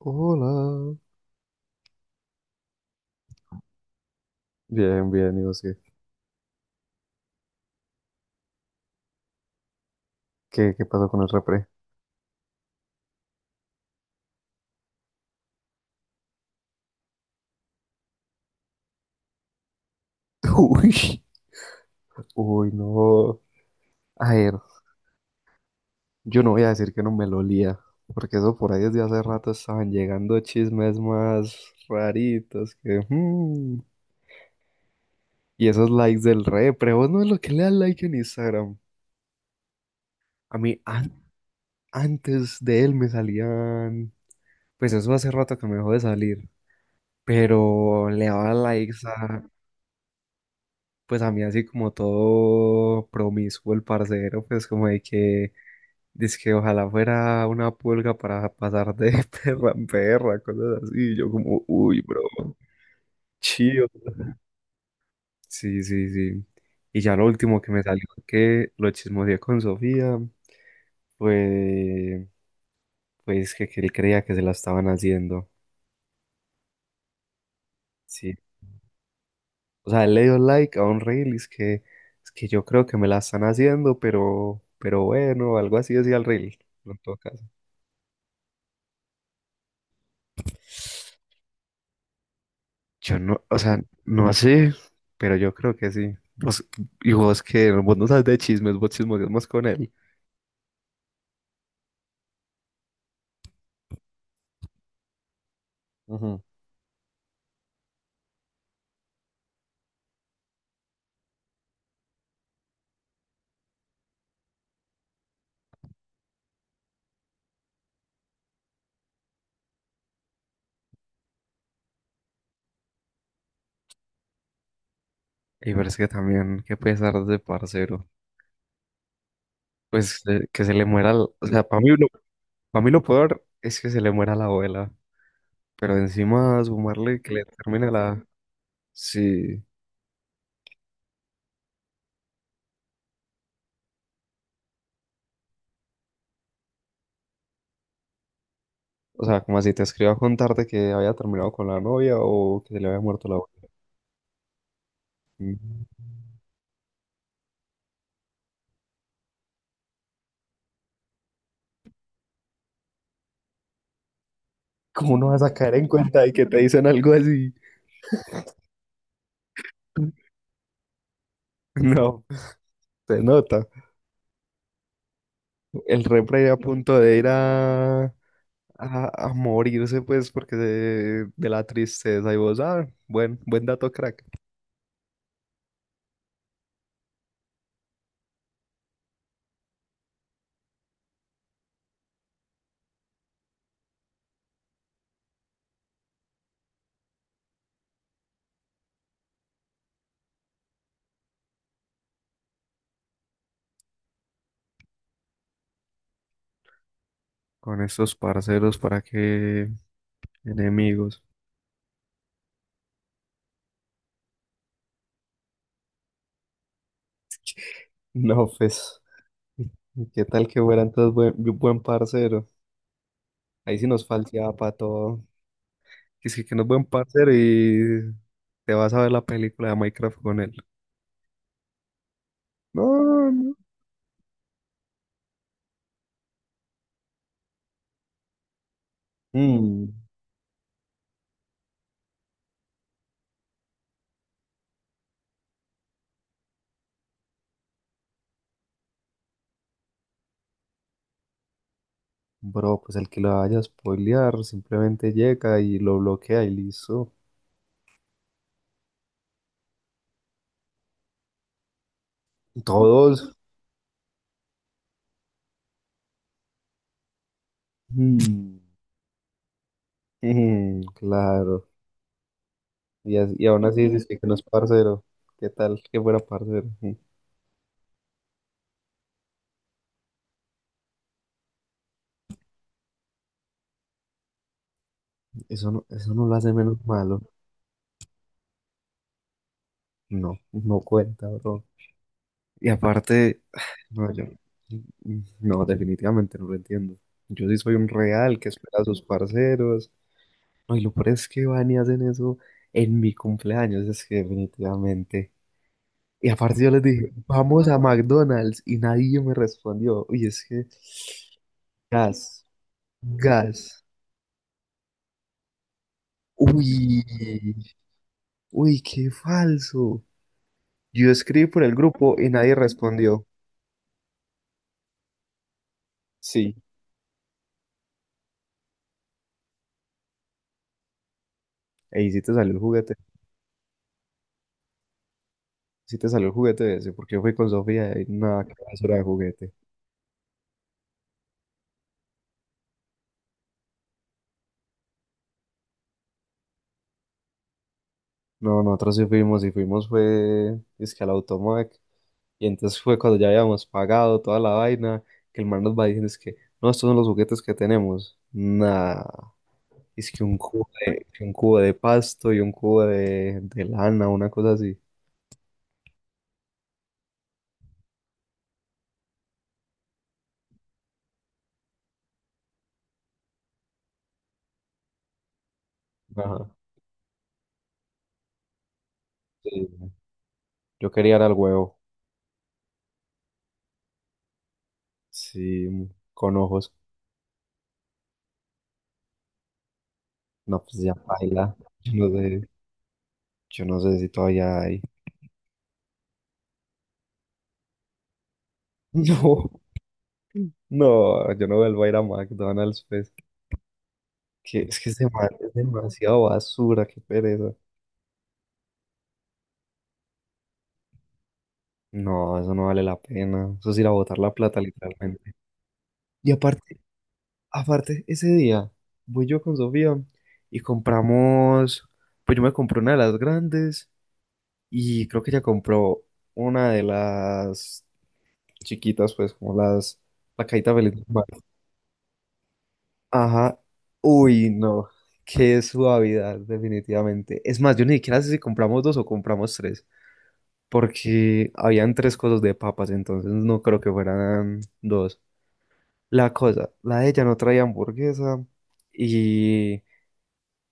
Hola. Bien, bien, digo, sí. ¿Qué pasó con el repre? Uy, uy, no. A ver, yo no voy a decir que no me lo olía, porque eso por ahí desde hace rato estaban llegando chismes más raritos que... Y esos likes del repre, vos no es lo que le das like en Instagram. A mí, antes de él me salían... Pues eso hace rato que me dejó de salir, pero le daba likes pues a mí así como todo promiscuo el parcero, pues como de que, dice que ojalá fuera una pulga para pasar de perra en perra, cosas así, y yo como, uy, bro, chido. Sí, sí, sí. Y ya lo último que me salió que lo chismoseé con Sofía fue pues que él creía que se la estaban haciendo. Sí. O sea, él le dio like a un reel y es que yo creo que me la están haciendo, pero bueno, algo así decía el reel. No toca. Yo no, o sea, no sé, pero yo creo que sí. Vos, y vos que vos no sabes de chismes, vos chismoseas más con él. Ujú. Y pero que también, qué pesar de parcero. Pues que se le muera, o sea, para mí lo peor es que se le muera la abuela. Pero encima sumarle que le termine la... Sí, o sea, como así te escriba a contarte que había terminado con la novia o que se le había muerto la abuela. Mm. ¿Cómo no vas a caer en cuenta de que te dicen algo así? No, se nota. El repre a punto de ir a morirse, pues, porque de la tristeza. Y vos, ah, buen, buen dato, crack. Con estos parceros, ¿para qué enemigos? No, pues, ¿qué tal que fuera entonces buen, buen parcero? Ahí sí nos falseaba para todo. Y sí que no es buen parcero y te vas a ver la película de Minecraft con él. No, no. Mm, bro, pues el que lo vaya a spoilear simplemente llega y lo bloquea y listo. Todos. Mm, claro. Y, y aún así dices que no es parcero. ¿Qué tal que fuera parcero? Eso no lo hace menos malo. No, no cuenta, bro. Y aparte, no, yo, no, definitivamente no lo entiendo. Yo sí soy un real que espera a sus parceros. No, y lo peor es que van y hacen eso en mi cumpleaños, es que definitivamente. Y aparte yo les dije, vamos a McDonald's y nadie me respondió. Uy, es que, gas. Gas. Uy, uy, qué falso. Yo escribí por el grupo y nadie respondió. Sí, ahí sí te salió el juguete. Sí te salió el juguete ese, porque yo fui con Sofía y nada, qué basura de juguete. No, nosotros sí fuimos y fuimos fue, es que al Automac. Y entonces fue cuando ya habíamos pagado toda la vaina, que el man nos va diciendo es que, no, estos son los juguetes que tenemos. Nada, es que un cubo de, que un cubo de pasto y un cubo de lana, una cosa así. Ajá. Sí. Yo quería era el huevo, sí, con ojos. No, pues ya baila. Yo no sé, yo no sé si todavía hay. No, no, yo no vuelvo a ir a McDonald's, pues. Que es, es demasiado basura, qué pereza. No, eso no vale la pena. Eso es ir a botar la plata, literalmente. Y aparte, aparte, ese día voy yo con Sofía y compramos. Pues yo me compré una de las grandes y creo que ella compró una de las chiquitas, pues como las, la cajita feliz. Del mar. Ajá. Uy, no. Qué suavidad, definitivamente. Es más, yo ni siquiera sé si compramos dos o compramos tres, porque habían tres cosas de papas, entonces no creo que fueran dos. La cosa, la de ella no traía hamburguesa y,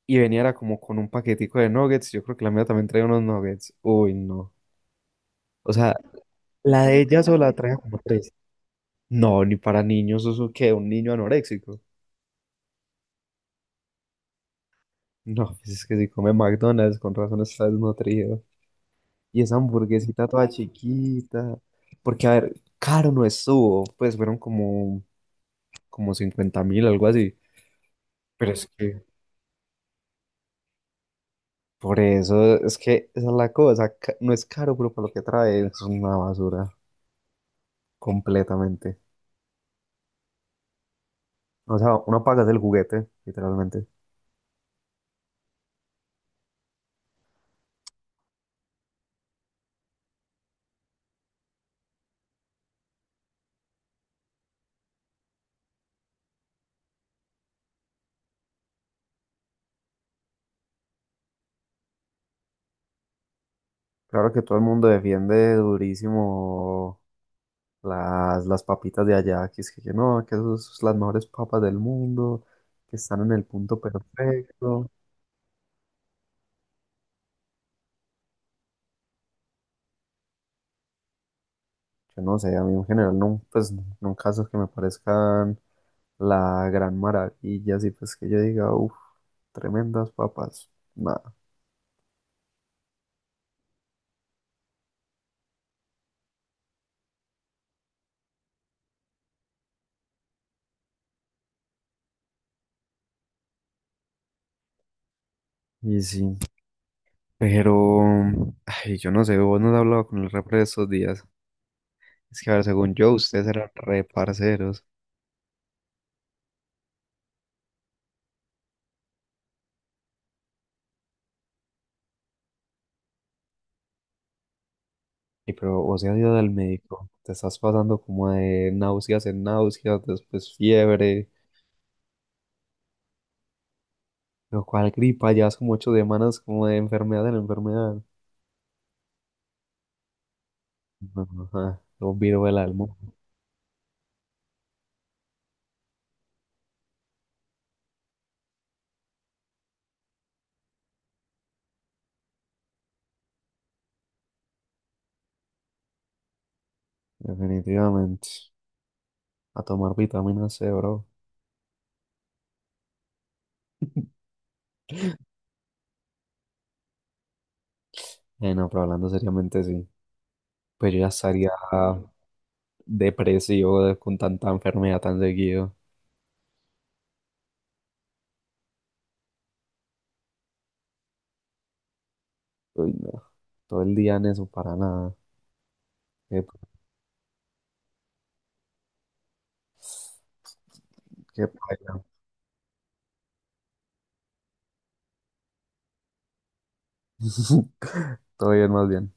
y venía era como con un paquetico de nuggets. Yo creo que la mía también traía unos nuggets. Uy, no. O sea, la de ella sola traía como tres. No, ni para niños, eso que un niño anoréxico. No, pues es que si come McDonald's, con razón está desnutrido. Y esa hamburguesita toda chiquita. Porque, a ver, caro no estuvo. Pues fueron como, como 50.000, algo así. Pero es que, por eso, es que esa es la cosa. No es caro, pero por lo que trae es una basura. Completamente. O sea, uno paga el juguete, literalmente. Claro que todo el mundo defiende durísimo las papitas de allá, que es que no, que esas son las mejores papas del mundo, que están en el punto perfecto. Yo no sé, a mí en general no, pues no casos que me parezcan la gran maravilla, así pues que yo diga, uff, tremendas papas, nada. Y sí, pero, ay, yo no sé, vos no has hablado con el repre de estos días. Es que, a ver, según yo, ustedes eran re parceros. Y pero vos has ido al médico, te estás pasando como de náuseas en náuseas, después fiebre, lo cual gripa, llevas como 8 semanas como de enfermedad en enfermedad. No, no, ajá, un virus del alma, definitivamente. A tomar vitamina C, bro. No, pero hablando seriamente, sí. Pues yo ya estaría depresivo con tanta enfermedad tan seguido. Uy, no, todo el día en eso, para nada. Qué, qué paila. Todo bien, más bien.